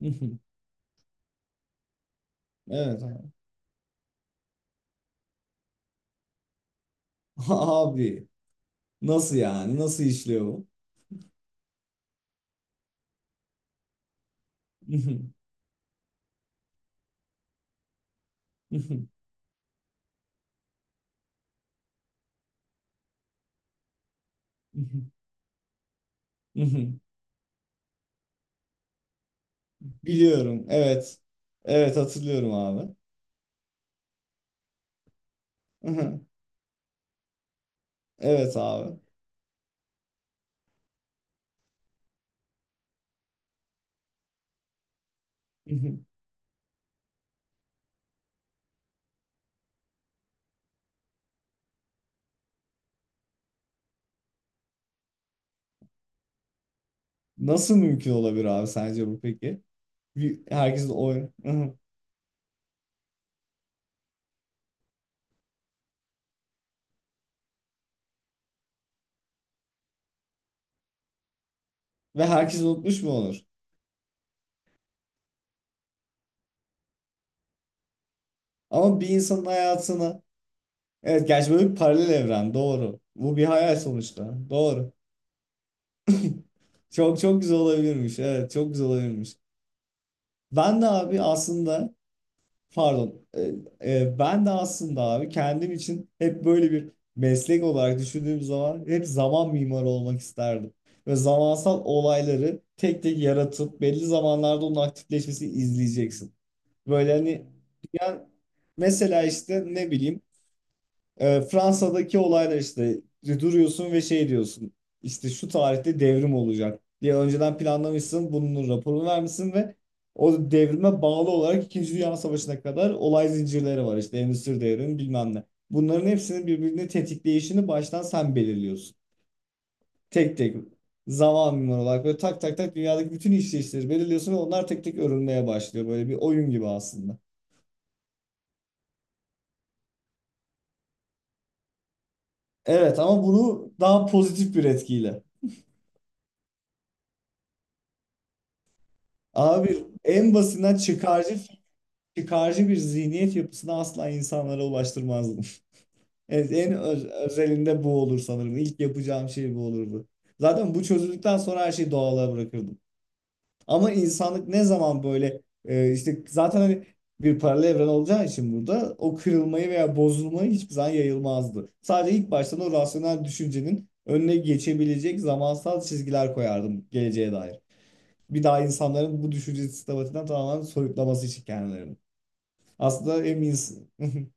Evet. Abi, nasıl yani? Nasıl işliyor bu? Biliyorum. Evet. Evet, hatırlıyorum abi. Evet abi. Nasıl mümkün olabilir abi, sence bu peki? Bir, herkes oy ve herkes unutmuş mu olur? Ama bir insanın hayatını, evet, gerçi böyle bir paralel evren doğru. Bu bir hayal sonuçta. Doğru. Çok çok güzel olabilirmiş. Evet, çok güzel olabilirmiş. Ben de abi aslında Pardon. Ben de aslında abi kendim için hep böyle bir meslek olarak düşündüğüm zaman hep zaman mimarı olmak isterdim. Ve zamansal olayları tek tek yaratıp belli zamanlarda onun aktifleşmesini izleyeceksin. Böyle hani, yani mesela işte ne bileyim, Fransa'daki olaylar işte, duruyorsun ve şey diyorsun, işte şu tarihte devrim olacak diye önceden planlamışsın, bunun raporunu vermişsin ve o devrime bağlı olarak İkinci Dünya Savaşı'na kadar olay zincirleri var, işte endüstri devrimi bilmem ne. Bunların hepsinin birbirini tetikleyişini baştan sen belirliyorsun. Tek tek, zaman mimar olarak böyle tak tak tak dünyadaki bütün işleyişleri belirliyorsun ve onlar tek tek örülmeye başlıyor. Böyle bir oyun gibi aslında. Evet, ama bunu daha pozitif bir etkiyle. Abi, en basitinden çıkarcı çıkarcı bir zihniyet yapısına asla insanlara ulaştırmazdım. Evet, en özelinde bu olur sanırım. İlk yapacağım şey bu olurdu. Zaten bu çözüldükten sonra her şeyi doğala bırakırdım. Ama insanlık ne zaman böyle işte zaten hani bir paralel evren olacağı için burada o kırılmayı veya bozulmayı hiçbir zaman yayılmazdı. Sadece ilk baştan o rasyonel düşüncenin önüne geçebilecek zamansal çizgiler koyardım geleceğe dair, bir daha insanların bu düşünce sistematiğinden tamamen soyutlaması için kendilerini. Aslında en iyisi.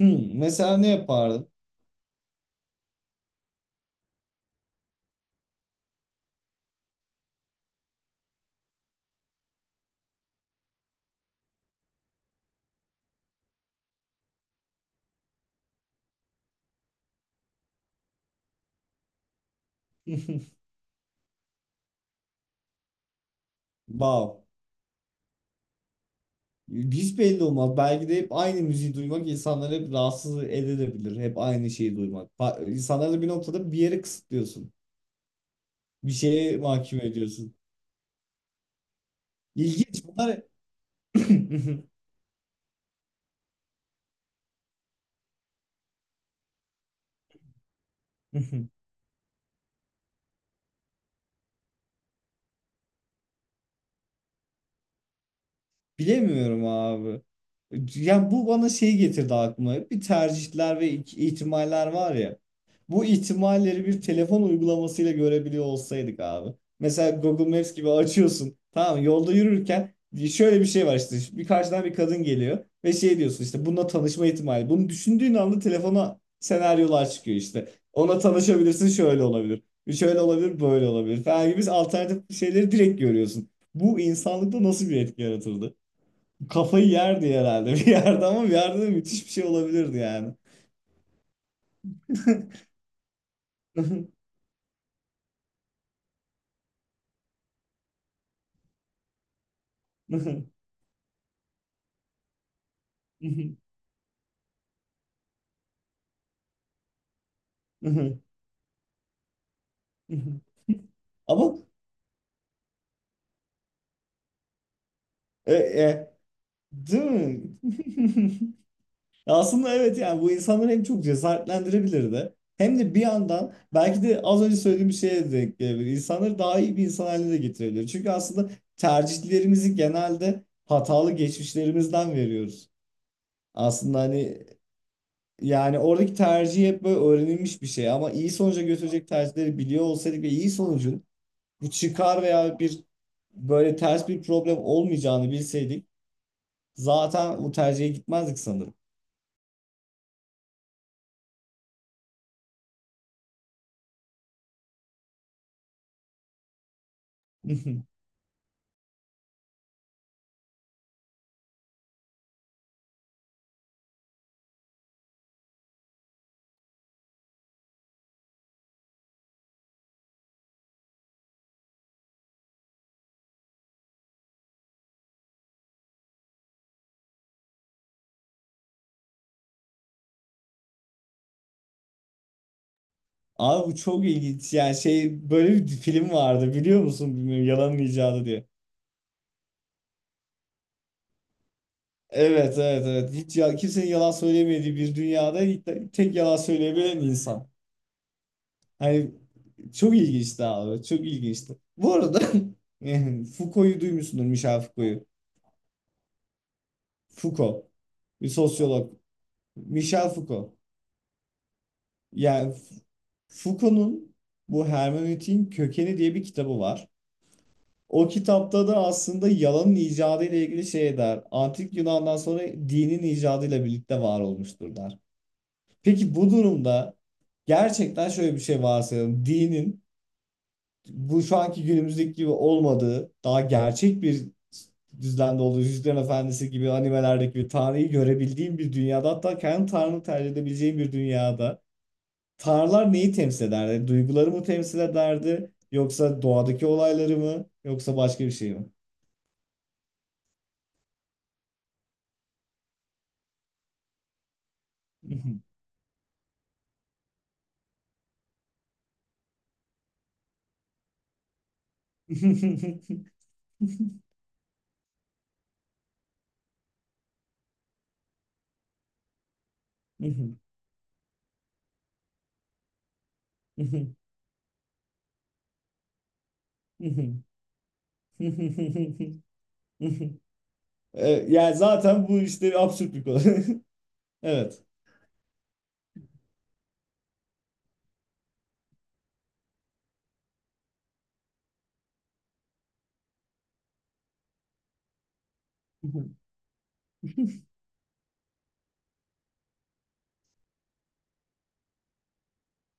Hmm, mesela ne yapardın? Wow. Hiç belli olmaz. Belki de hep aynı müziği duymak insanları hep rahatsız edebilir. Hep aynı şeyi duymak. İnsanları da bir noktada bir yere kısıtlıyorsun. Bir şeye mahkum ediyorsun. İlginç. Bunlar Bilemiyorum abi. Yani bu bana şey getirdi aklıma. Bir tercihler ve ihtimaller var ya. Bu ihtimalleri bir telefon uygulamasıyla görebiliyor olsaydık abi. Mesela Google Maps gibi açıyorsun. Tamam mı? Yolda yürürken şöyle bir şey var işte. Bir karşıdan bir kadın geliyor ve şey diyorsun, işte bununla tanışma ihtimali. Bunu düşündüğün anda telefona senaryolar çıkıyor işte. Ona tanışabilirsin, şöyle olabilir. Şöyle olabilir, böyle olabilir falan gibi alternatif şeyleri direkt görüyorsun. Bu insanlıkta nasıl bir etki yaratırdı? Kafayı yerdi herhalde bir yerde, ama bir yerde de müthiş bir şey olabilirdi yani. Ama e, e, değil mi? Aslında evet, yani bu insanları hem çok cesaretlendirebilirdi hem de bir yandan belki de az önce söylediğim şeye denk gelebilir. İnsanları daha iyi bir insan haline de getirebilir. Çünkü aslında tercihlerimizi genelde hatalı geçmişlerimizden veriyoruz. Aslında hani, yani oradaki tercih hep böyle öğrenilmiş bir şey, ama iyi sonuca götürecek tercihleri biliyor olsaydık ve iyi sonucun bu çıkar veya bir böyle ters bir problem olmayacağını bilseydik zaten bu tercihe gitmezdik sanırım. Abi bu çok ilginç, yani şey, böyle bir film vardı, biliyor musun bilmiyorum, yalanın icadı diye. Evet, evet, evet, hiç ya, kimsenin yalan söyleyemediği bir dünyada tek yalan söyleyebilen insan. Hani, çok ilginçti abi. Çok ilginçti. Bu arada yani Foucault'u duymuşsundur, Michel Foucault'u. Foucault. Bir sosyolog. Michel Foucault. Yani Foucault'un bu hermeneutiğin kökeni diye bir kitabı var. O kitapta da aslında yalanın icadı ile ilgili şey der. Antik Yunan'dan sonra dinin icadıyla birlikte var olmuştur der. Peki bu durumda gerçekten şöyle bir şey varsayalım. Dinin bu şu anki günümüzdeki gibi olmadığı, daha gerçek bir düzlemde olduğu, Yüzüklerin Efendisi gibi animelerdeki gibi Tanrı'yı görebildiğim bir dünyada, hatta kendi Tanrı'nı tercih edebileceğim bir dünyada Tanrılar neyi temsil ederdi? Duyguları mı temsil ederdi? Yoksa doğadaki olayları mı? Yoksa başka bir şey mi? E, yani zaten bu işte absürt bir konu. Evet.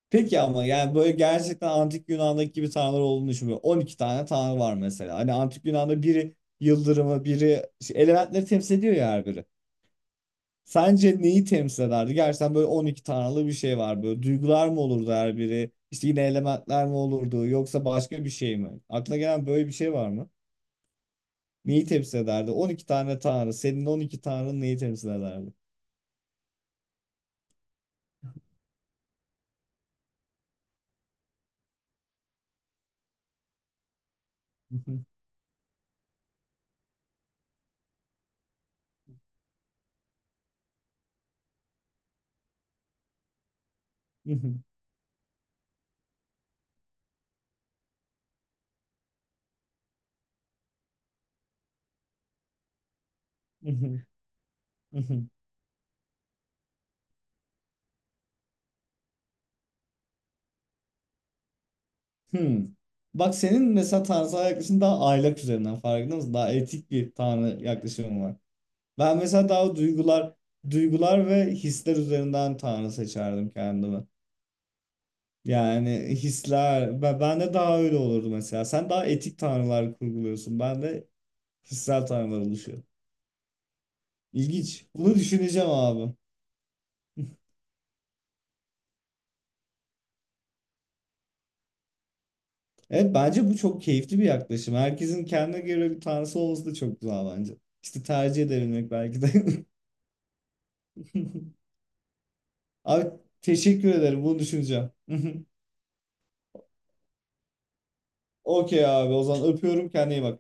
Peki ama yani böyle gerçekten antik Yunan'daki gibi tanrılar olduğunu düşünmüyorum. 12 tane tanrı var mesela. Hani antik Yunan'da biri yıldırımı, biri şey, elementleri temsil ediyor ya her biri. Sence neyi temsil ederdi? Gerçekten böyle 12 tanrılı bir şey var. Böyle duygular mı olurdu her biri? İşte yine elementler mi olurdu? Yoksa başka bir şey mi? Aklına gelen böyle bir şey var. Neyi temsil ederdi? 12 tane tanrı. Senin 12 tanrın neyi temsil ederdi? Hmm. Bak, senin mesela tanrısal yaklaşımın daha aylak üzerinden, farkında mısın? Daha etik bir tanrı yaklaşımın var. Ben mesela daha duygular ve hisler üzerinden tanrı seçerdim kendime. Yani hisler, ben de daha öyle olurdu mesela. Sen daha etik tanrılar kurguluyorsun. Ben de hissel tanrılar oluşuyor. İlginç. Bunu düşüneceğim abi. Evet, bence bu çok keyifli bir yaklaşım. Herkesin kendine göre bir tanrısı olması da çok güzel bence. İşte tercih edebilmek belki de. Abi teşekkür ederim, bunu düşüneceğim. Okey abi, o zaman öpüyorum, kendine iyi bak.